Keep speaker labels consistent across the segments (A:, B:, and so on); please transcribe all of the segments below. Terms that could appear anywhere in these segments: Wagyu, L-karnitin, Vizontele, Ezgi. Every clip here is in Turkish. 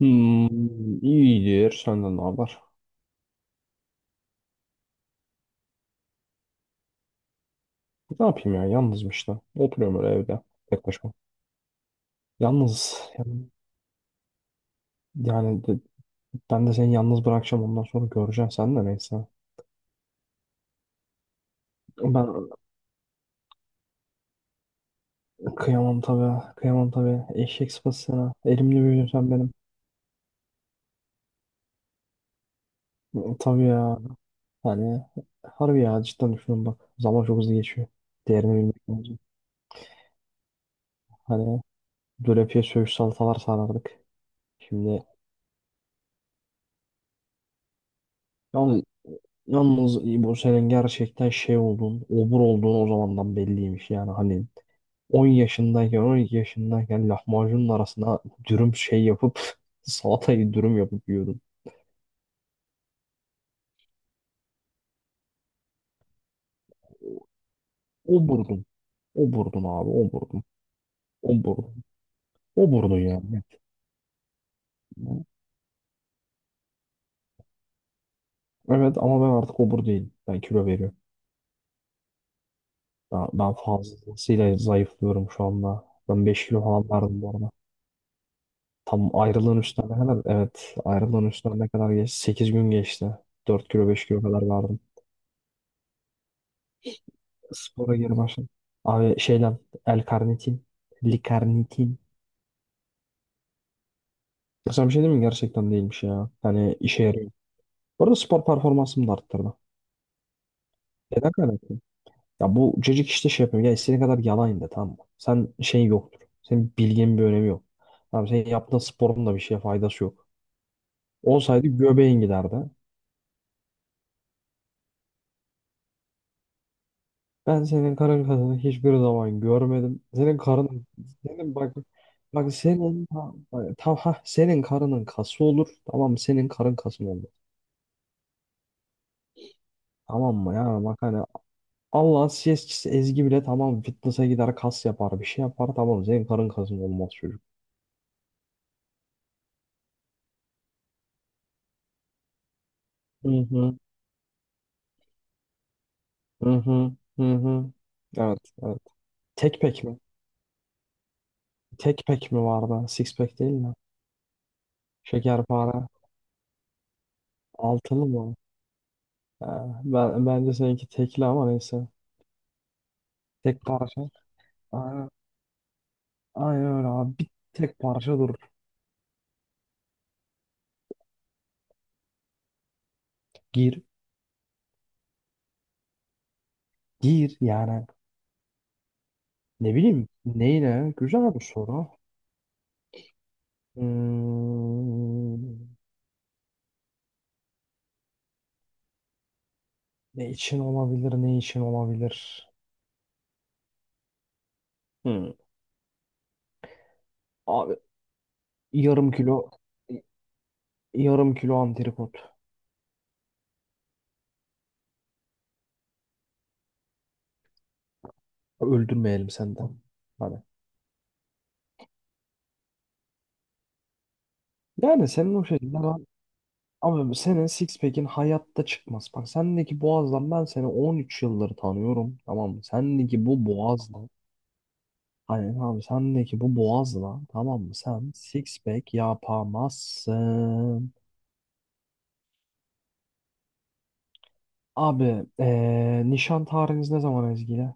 A: Hmm, iyidir. Senden ne haber? Ne yapayım ya? Yalnızım işte. Oturuyorum öyle evde. Tek başıma. Yalnız. Yani, yani de- ben de seni yalnız bırakacağım. Ondan sonra göreceğim. Sen de neyse. Ben kıyamam tabii. Kıyamam tabii. Eşek sıpası sana. Elimde büyüdün sen benim. Tabii ya. Hani harbi ya. Cidden düşünün bak. Zaman çok hızlı geçiyor. Değerini bilmek lazım. Hani dölepiye söğüş salatalar sarardık. Şimdi yalnız Yalnız İbo, senin gerçekten şey olduğun, obur olduğun o zamandan belliymiş, yani hani 10 yaşındayken, 12 yaşındayken, lahmacunun arasına dürüm şey yapıp salatayı dürüm yapıp yiyordun. Oburdun. Oburdun abi, oburdun. Oburdun. Oburdun yani. Evet, ama ben artık obur değilim. Ben kilo veriyorum. Ben fazlasıyla zayıflıyorum şu anda. Ben 5 kilo falan verdim bu arada. Tam ayrılığın üstüne ne kadar? Evet, ayrılığın üstüne ne kadar geçti? 8 gün geçti. 4 kilo, 5 kilo kadar verdim. Spora geri başladım. Abi şeyden L-karnitin, L-karnitin. Ya, sana bir şey diyeyim mi? Gerçekten değilmiş ya. Hani işe yarıyor. Bu arada spor performansımı da arttırdı. Neden kaynaklı? Ya, bu cacık işte şey yapıyor. Ya istediğin kadar yalan in de, tamam mı? Sen, şey yoktur. Senin bilginin bir önemi yok. Tamam, senin yaptığın sporun da bir şeye faydası yok. Olsaydı göbeğin giderdi. Ben senin karın kasını hiçbir zaman görmedim. Senin karın, senin bak, bak senin bak, tam ha, senin karının kası olur. Tamam mı? Senin karın kasın olur. Tamam mı ya? Bak hani Allah'ın CS'çisi Ezgi bile, tamam, fitness'a gider, kas yapar, bir şey yapar; tamam, senin karın kasın olmaz çocuk. Hı hı, hı hı, hı hı. Evet, evet. Tek pek mi? Tek pek mi vardı? Six pack değil mi? Şekerpare. Altılı mı? Ha, bence seninki tekli ama neyse. Tek parça. Aynen. Aynen öyle abi. Bir tek parça dur. Gir. Gir yani. Ne bileyim. Neyle? Güzel bir soru. Hmm, ne için olabilir? Ne için olabilir? Hmm. Abi yarım kilo yarım kilo antrikot. Öldürmeyelim senden. Hadi. Yani senin o şekilde ama senin six pack'in hayatta çıkmaz. Bak, sendeki boğazdan ben seni 13 yıldır tanıyorum. Tamam mı? Sendeki bu boğazla Aynen abi, sendeki bu boğazla, tamam mı, sen six pack yapamazsın. Abi nişan tarihiniz ne zaman Ezgi'yle?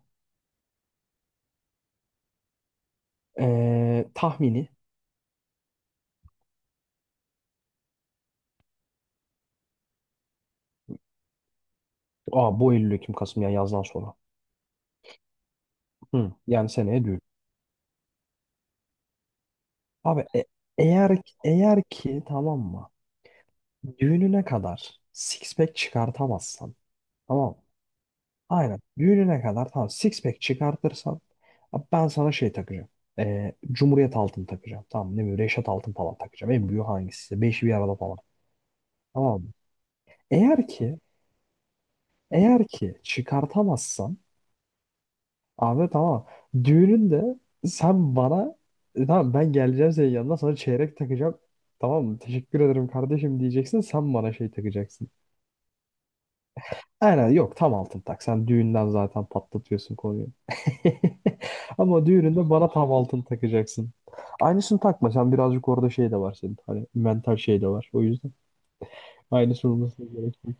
A: Tahmini. Aa, bu Eylül, Ekim, Kasım, yani yazdan sonra. Hı, yani seneye düğün. Abi eğer eğer ki, tamam mı, düğününe kadar six pack çıkartamazsan, tamam. Aynen. Düğününe kadar, tamam, six pack çıkartırsan abi, ben sana şey takacağım. Cumhuriyet altın takacağım. Tamam, ne bileyim, Reşat altın falan takacağım. En büyüğü hangisi? Beşi bir arada falan. Tamam mı? Eğer ki eğer ki çıkartamazsan abi, tamam, düğününde sen bana tamam, ben geleceğim senin yanına, sana çeyrek takacağım. Tamam mı? Teşekkür ederim kardeşim diyeceksin. Sen bana şey takacaksın. Aynen, yok, tam altın tak. Sen düğünden zaten patlatıyorsun konuyu. Ama düğününde bana tam altın takacaksın. Aynısını takma. Sen birazcık, orada şey de var senin. Hani mental şey de var. O yüzden aynısı olmasına gerek yok.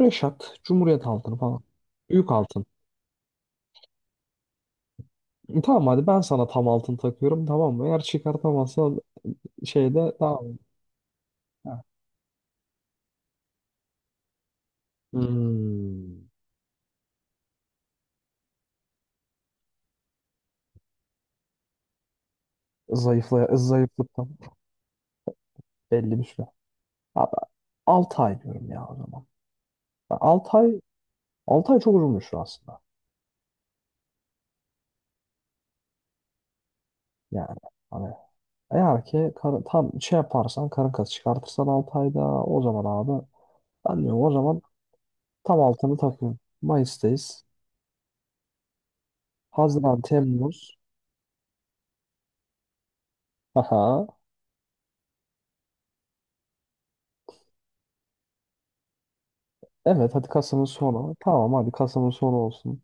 A: Reşat, Cumhuriyet altını falan. Büyük altın. Tamam, hadi ben sana tam altın takıyorum, tamam mı? Eğer çıkartamazsan, şeyde tamam. Ha. Hmm. Zayıflıktan belli bir süre. Abi, 6 ay diyorum ya o zaman. 6 ay, 6 ay çok uzun bir süre aslında. Yani hani eğer ki tam şey yaparsan, karın kası çıkartırsan 6 ayda, o zaman abi, ben diyorum o zaman tam altını takıyorum. Mayıs'tayız. Haziran, Temmuz. Aha. Evet, hadi Kasım'ın sonu. Tamam, hadi Kasım'ın sonu olsun.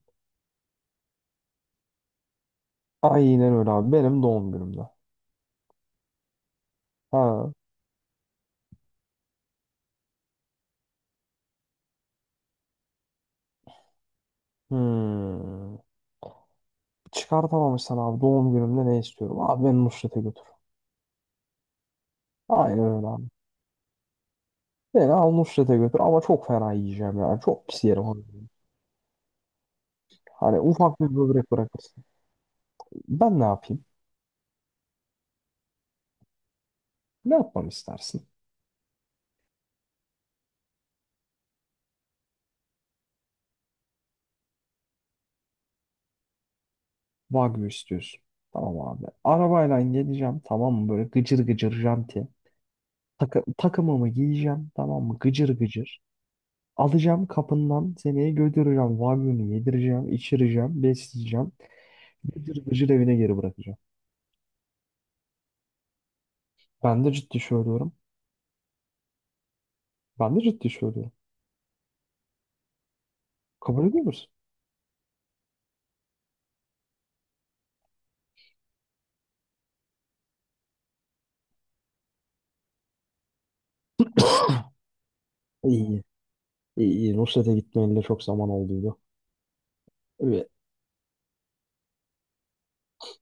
A: Aynen öyle abi. Benim doğum günümde. Ha. Hmm. Çıkartamamışsan abi, doğum günümde ne istiyorum? Abi, beni Nusret'e götür. Aynen öyle abi. Beni al, Nusret'e götür ama çok fena yiyeceğim yani. Çok pis yerim abi. Hani ufak bir böbrek bırakırsın. Ben ne yapayım? Ne yapmam istersin? Wagyu istiyorsun. Tamam abi. Arabayla geleceğim, tamam mı? Böyle gıcır gıcır janti. Takı takımımı giyeceğim, tamam mı? Gıcır gıcır. Alacağım kapından, seni götüreceğim. Wagyu'nu yedireceğim, içireceğim, besleyeceğim. Gıcır gıcır evine geri bırakacağım. Ben de ciddi söylüyorum. Ben de ciddi söylüyorum. Kabul ediyor musun? İyi. İyi, iyi. Nusret'e gitmeyeli çok zaman olduydu. Ve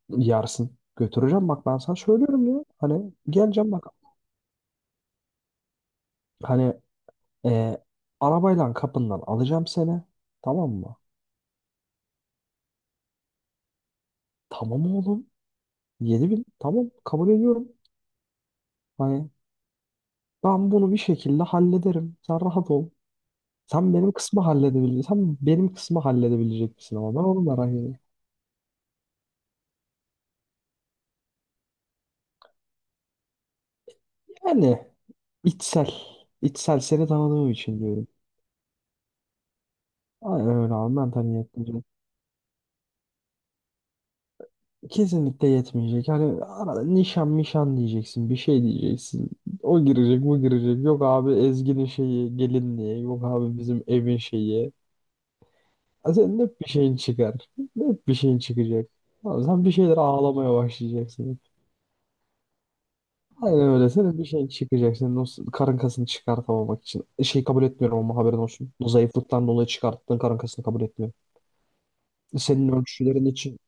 A: yersin. Götüreceğim, bak ben sana söylüyorum ya. Hani geleceğim bak. Hani Ee, arabayla kapından alacağım seni. Tamam mı? Tamam oğlum. 7.000. Tamam, kabul ediyorum. Hani ben bunu bir şekilde hallederim. Sen rahat ol. Sen benim kısmı halledebilecek. Sen benim kısmı halledebilecek misin, ama ben onu merak ediyorum. Yani içsel. içsel, seni tanıdığım için diyorum. Aynen öyle abi, mental yetmeyecek. Kesinlikle yetmeyecek. Hani arada nişan mişan diyeceksin. Bir şey diyeceksin. O girecek, bu girecek. Yok abi, Ezgi'nin şeyi, gelinliği. Yok abi, bizim evin şeyi. Ya, senin hep bir şeyin çıkar. Hep bir şeyin çıkacak. Abi sen bir şeyler ağlamaya başlayacaksın. Aynen öyle. Senin bir şeyin çıkacak. Senin o karın kasını çıkartamamak için. Şey, kabul etmiyorum ama haberin olsun. O zayıflıktan dolayı çıkarttığın karın kasını kabul etmiyorum. Senin ölçülerin için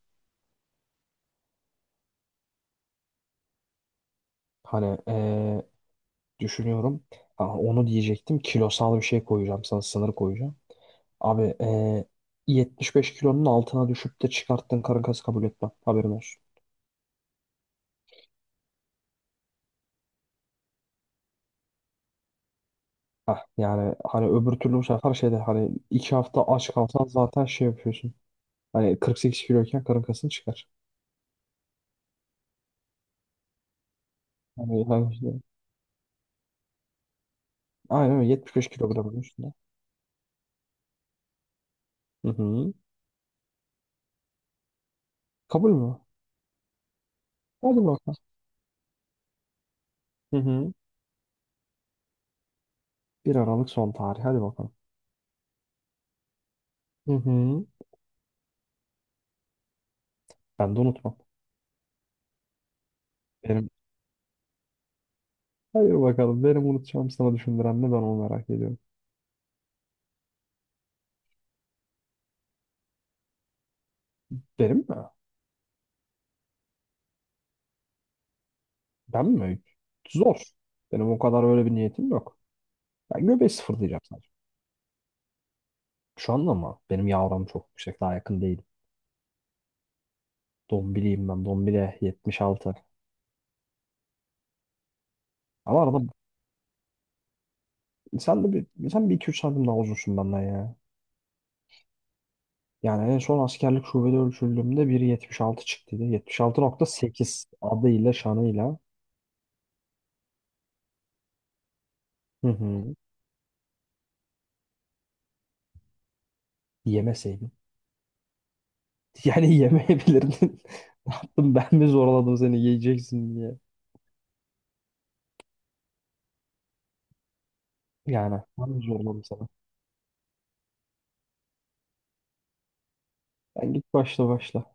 A: hani düşünüyorum. Ha, onu diyecektim. Kilosal bir şey koyacağım sana. Sınır koyacağım. Abi 75 kilonun altına düşüp de çıkarttığın karın kası kabul etmem. Haberin olsun. Yani hani öbür türlü bu sefer şeyde, hani 2 hafta aç kalsan zaten şey yapıyorsun. Hani 48 kiloyken karın kasın çıkar. Hani işte, aynen öyle 75 kilogramın üstünde. Hı hı. Kabul mü? Hadi bakalım. Hı hı. 1 Aralık son tarih. Hadi bakalım. Hı hı. Ben de unutmam. Benim. Hayır bakalım. Benim unutacağım sana düşündüren ne, ben onu merak ediyorum. Benim mi? Ben mi? Zor. Benim o kadar öyle bir niyetim yok. Ben göbeği sıfırlayacağım sadece. Şu anda ama benim yavrum çok yüksek. Daha yakın değil. Dombiliyim ben. Dombile 76. Ama arada sen de sen bir iki üç santim daha uzunsun benden ya. Yani en son askerlik şubede ölçüldüğümde 1.76 çıktıydı. 76,8, adıyla şanıyla. Hı hı. Yemeseydin. Yani yemeyebilirdin. Ne yaptım, ben mi zorladım seni yiyeceksin diye? Yani ben mi zorladım sana? Ben, git, başla başla.